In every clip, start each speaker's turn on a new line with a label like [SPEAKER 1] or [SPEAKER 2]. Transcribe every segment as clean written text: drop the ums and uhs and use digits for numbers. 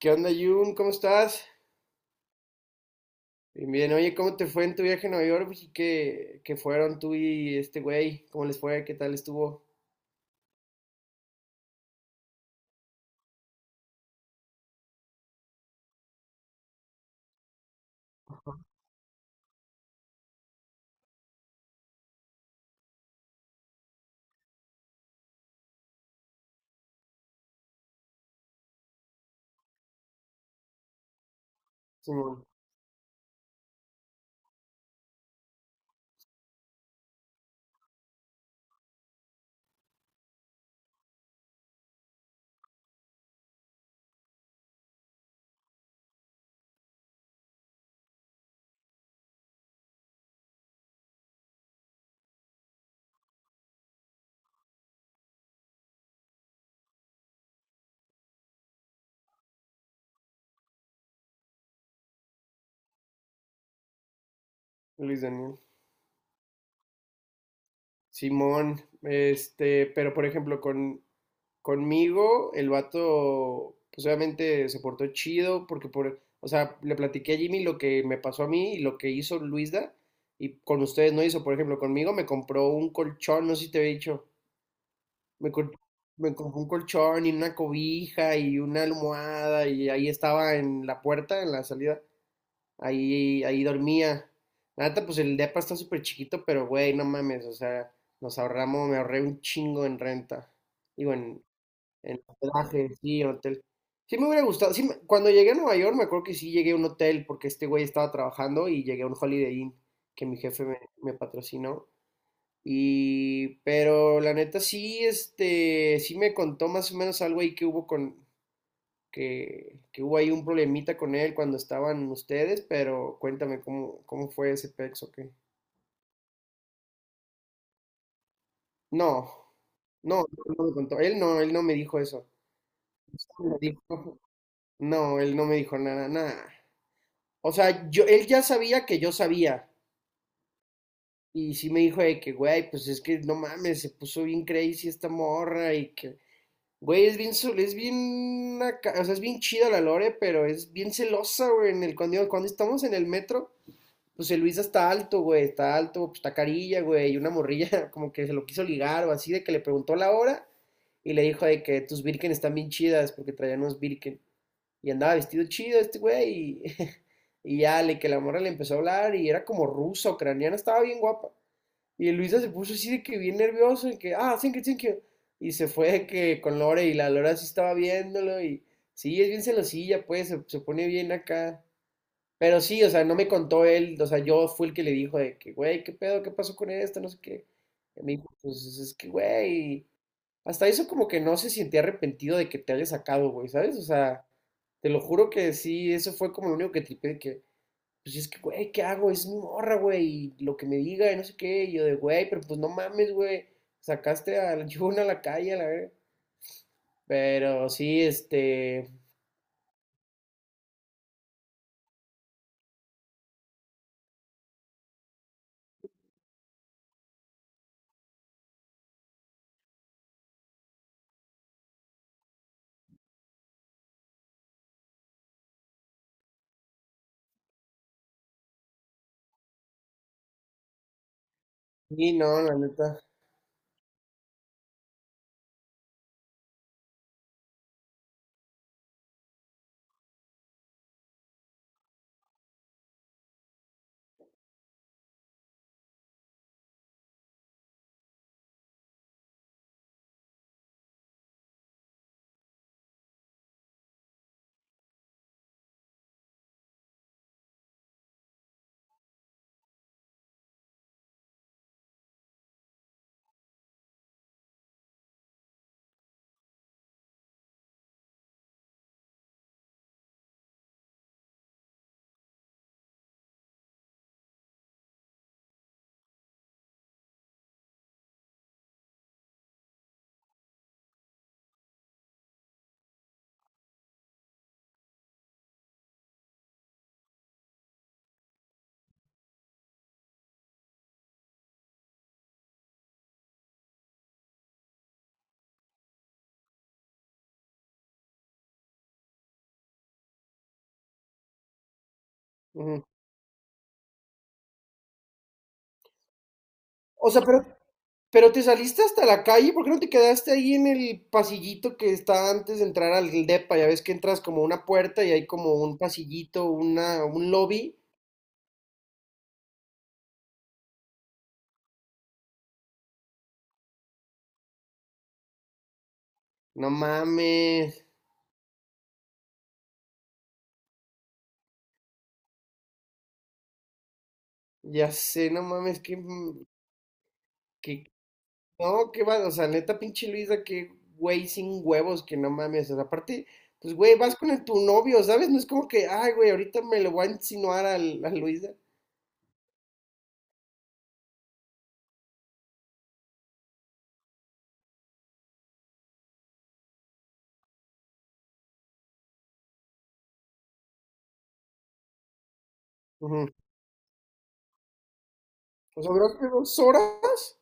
[SPEAKER 1] ¿Qué onda, Jun? ¿Cómo estás? Bien, bien. Oye, ¿cómo te fue en tu viaje a Nueva York? ¿Y qué fueron tú y este güey? ¿Cómo les fue? ¿Qué tal estuvo? Simón. Luis Daniel. Simón, este, pero por ejemplo, conmigo, el vato, pues obviamente se portó chido, porque por, o sea, le platiqué a Jimmy lo que me pasó a mí y lo que hizo Luisda, y con ustedes no hizo, por ejemplo, conmigo me compró un colchón, no sé si te había dicho. Me, co- Me compré un colchón y una cobija y una almohada y ahí estaba en la puerta, en la salida. Ahí dormía. La neta, pues el depa está súper chiquito, pero güey, no mames, o sea, nos ahorramos, me ahorré un chingo en renta. Digo, en, en hospedaje, sí, en hotel. Sí me hubiera gustado, sí, cuando llegué a Nueva York me acuerdo que sí llegué a un hotel porque este güey estaba trabajando y llegué a un Holiday Inn que mi jefe me patrocinó y, pero la neta sí, este, sí me contó más o menos algo ahí que hubo que hubo ahí un problemita con él cuando estaban ustedes, pero cuéntame cómo fue ese pex o qué. No, no me contó. Él no me dijo eso. Me dijo- no, él no me dijo nada. O sea, yo, él ya sabía que yo sabía. Y sí me dijo de que, güey, pues es que no mames, se puso bien crazy esta morra y que güey, es bien, o sea, es bien chida la Lore, pero es bien celosa, güey. Cuando estamos en el metro, pues el Luis está alto, güey, está alto, pues está carilla, güey, y una morrilla como que se lo quiso ligar o así, de que le preguntó la hora y le dijo de que tus Birken están bien chidas porque traían unos Birken. Y andaba vestido chido este güey y, y ya, le que la morra le empezó a hablar y era como rusa, ucraniana, estaba bien guapa. Y Luisa se puso así de que bien nervioso, y que, ah, thank you, thank you. Y se fue de que con Lore, y la Lore sí estaba viéndolo, y sí, es bien celosilla, pues, se pone bien acá. Pero sí, o sea, no me contó él, o sea, yo fui el que le dijo de que, güey, ¿qué pedo? ¿Qué pasó con esto? No sé qué. Y me dijo, pues es que, güey, hasta eso como que no se sentía arrepentido de que te haya sacado, güey, ¿sabes? O sea, te lo juro que sí, eso fue como lo único que tripé de que, pues es que, güey, ¿qué hago? Es mi morra, güey, y lo que me diga, y no sé qué, y yo de, güey, pero pues no mames, güey, sacaste al la chivona a la calle, a la verga. Pero sí, este, sí, no, la neta. Ujú. O sea, pero te saliste hasta la calle, ¿por qué no te quedaste ahí en el pasillito que está antes de entrar al depa? Ya ves que entras como una puerta y hay como un pasillito, un lobby. No mames, ya sé, no mames, qué, qué No, qué va, o sea, neta, pinche Luisa, qué güey sin huevos, que no mames. O sea, aparte, pues güey, vas con tu novio, ¿sabes? No es como que, ay, güey, ahorita me lo voy a insinuar a, Luisa. Ujú. O sea, ¿duró que 2 horas?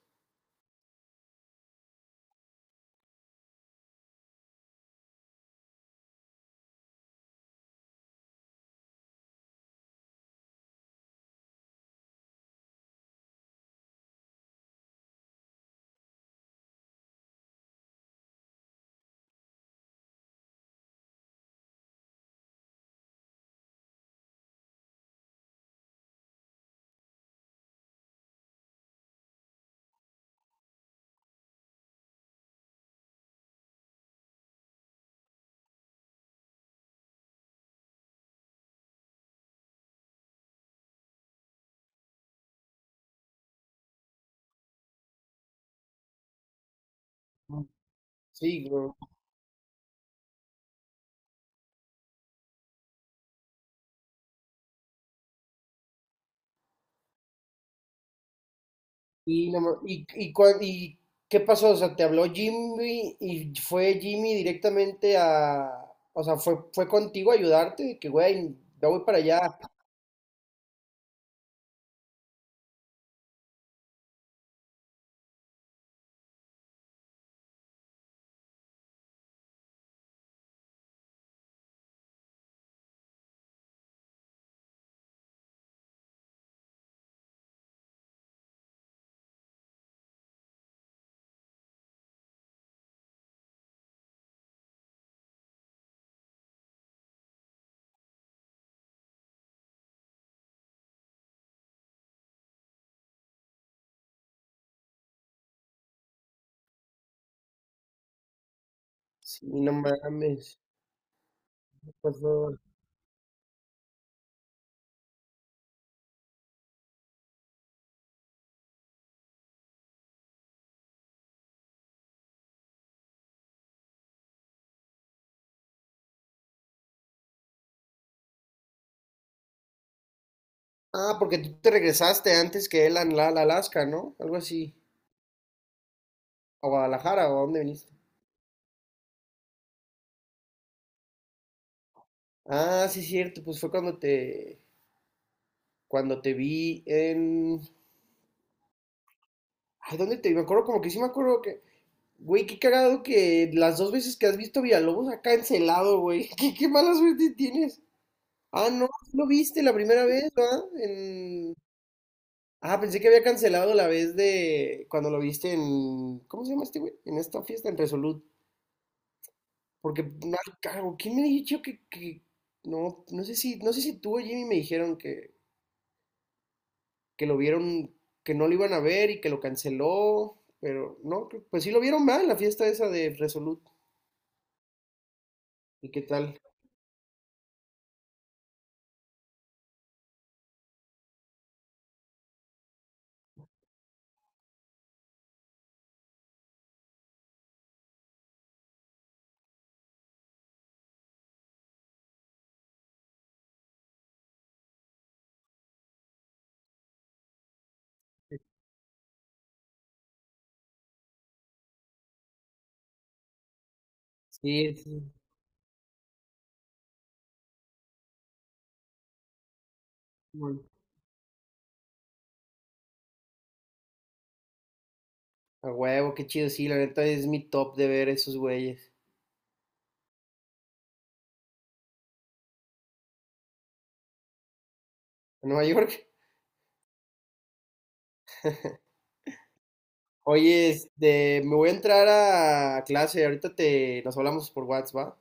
[SPEAKER 1] Ujú. Sí, güey. Y, no ma- y qué pasó? O sea, te habló Jimmy y fue Jimmy directamente a. O sea, fue contigo a ayudarte, de que güey, ya voy para allá. Sí, no mames. ¿Qué pasó? Ah, porque tú te regresaste antes que él a a Alaska, ¿no? Algo así. A Guadalajara, ¿o a dónde viniste? Ah, sí, cierto. Pues fue cuando te vi en... Ay, ¿dónde te vi? Me acuerdo como que sí me acuerdo que... Güey, qué cagado que las dos veces que has visto Villalobos ha cancelado, güey. ¿Qué mala suerte tienes? Ah, no, sí lo viste la primera vez, ¿verdad? En... Ah, pensé que había cancelado la vez de cuando lo viste en... ¿Cómo se llama este güey? En esta fiesta, en Resolute. Porque no hay cargo. ¿Quién me dijo no, no sé si tú o Jimmy me dijeron que lo vieron, que no lo iban a ver y que lo canceló, pero no, pues sí lo vieron mal la fiesta esa de Resolute. ¿Y qué tal? Sí, sí, bueno. A huevo, qué chido, sí, la neta es mi top de ver esos güeyes. En Nueva York. Oye, este, me voy a entrar a clase, ahorita te, nos hablamos por WhatsApp, ¿va?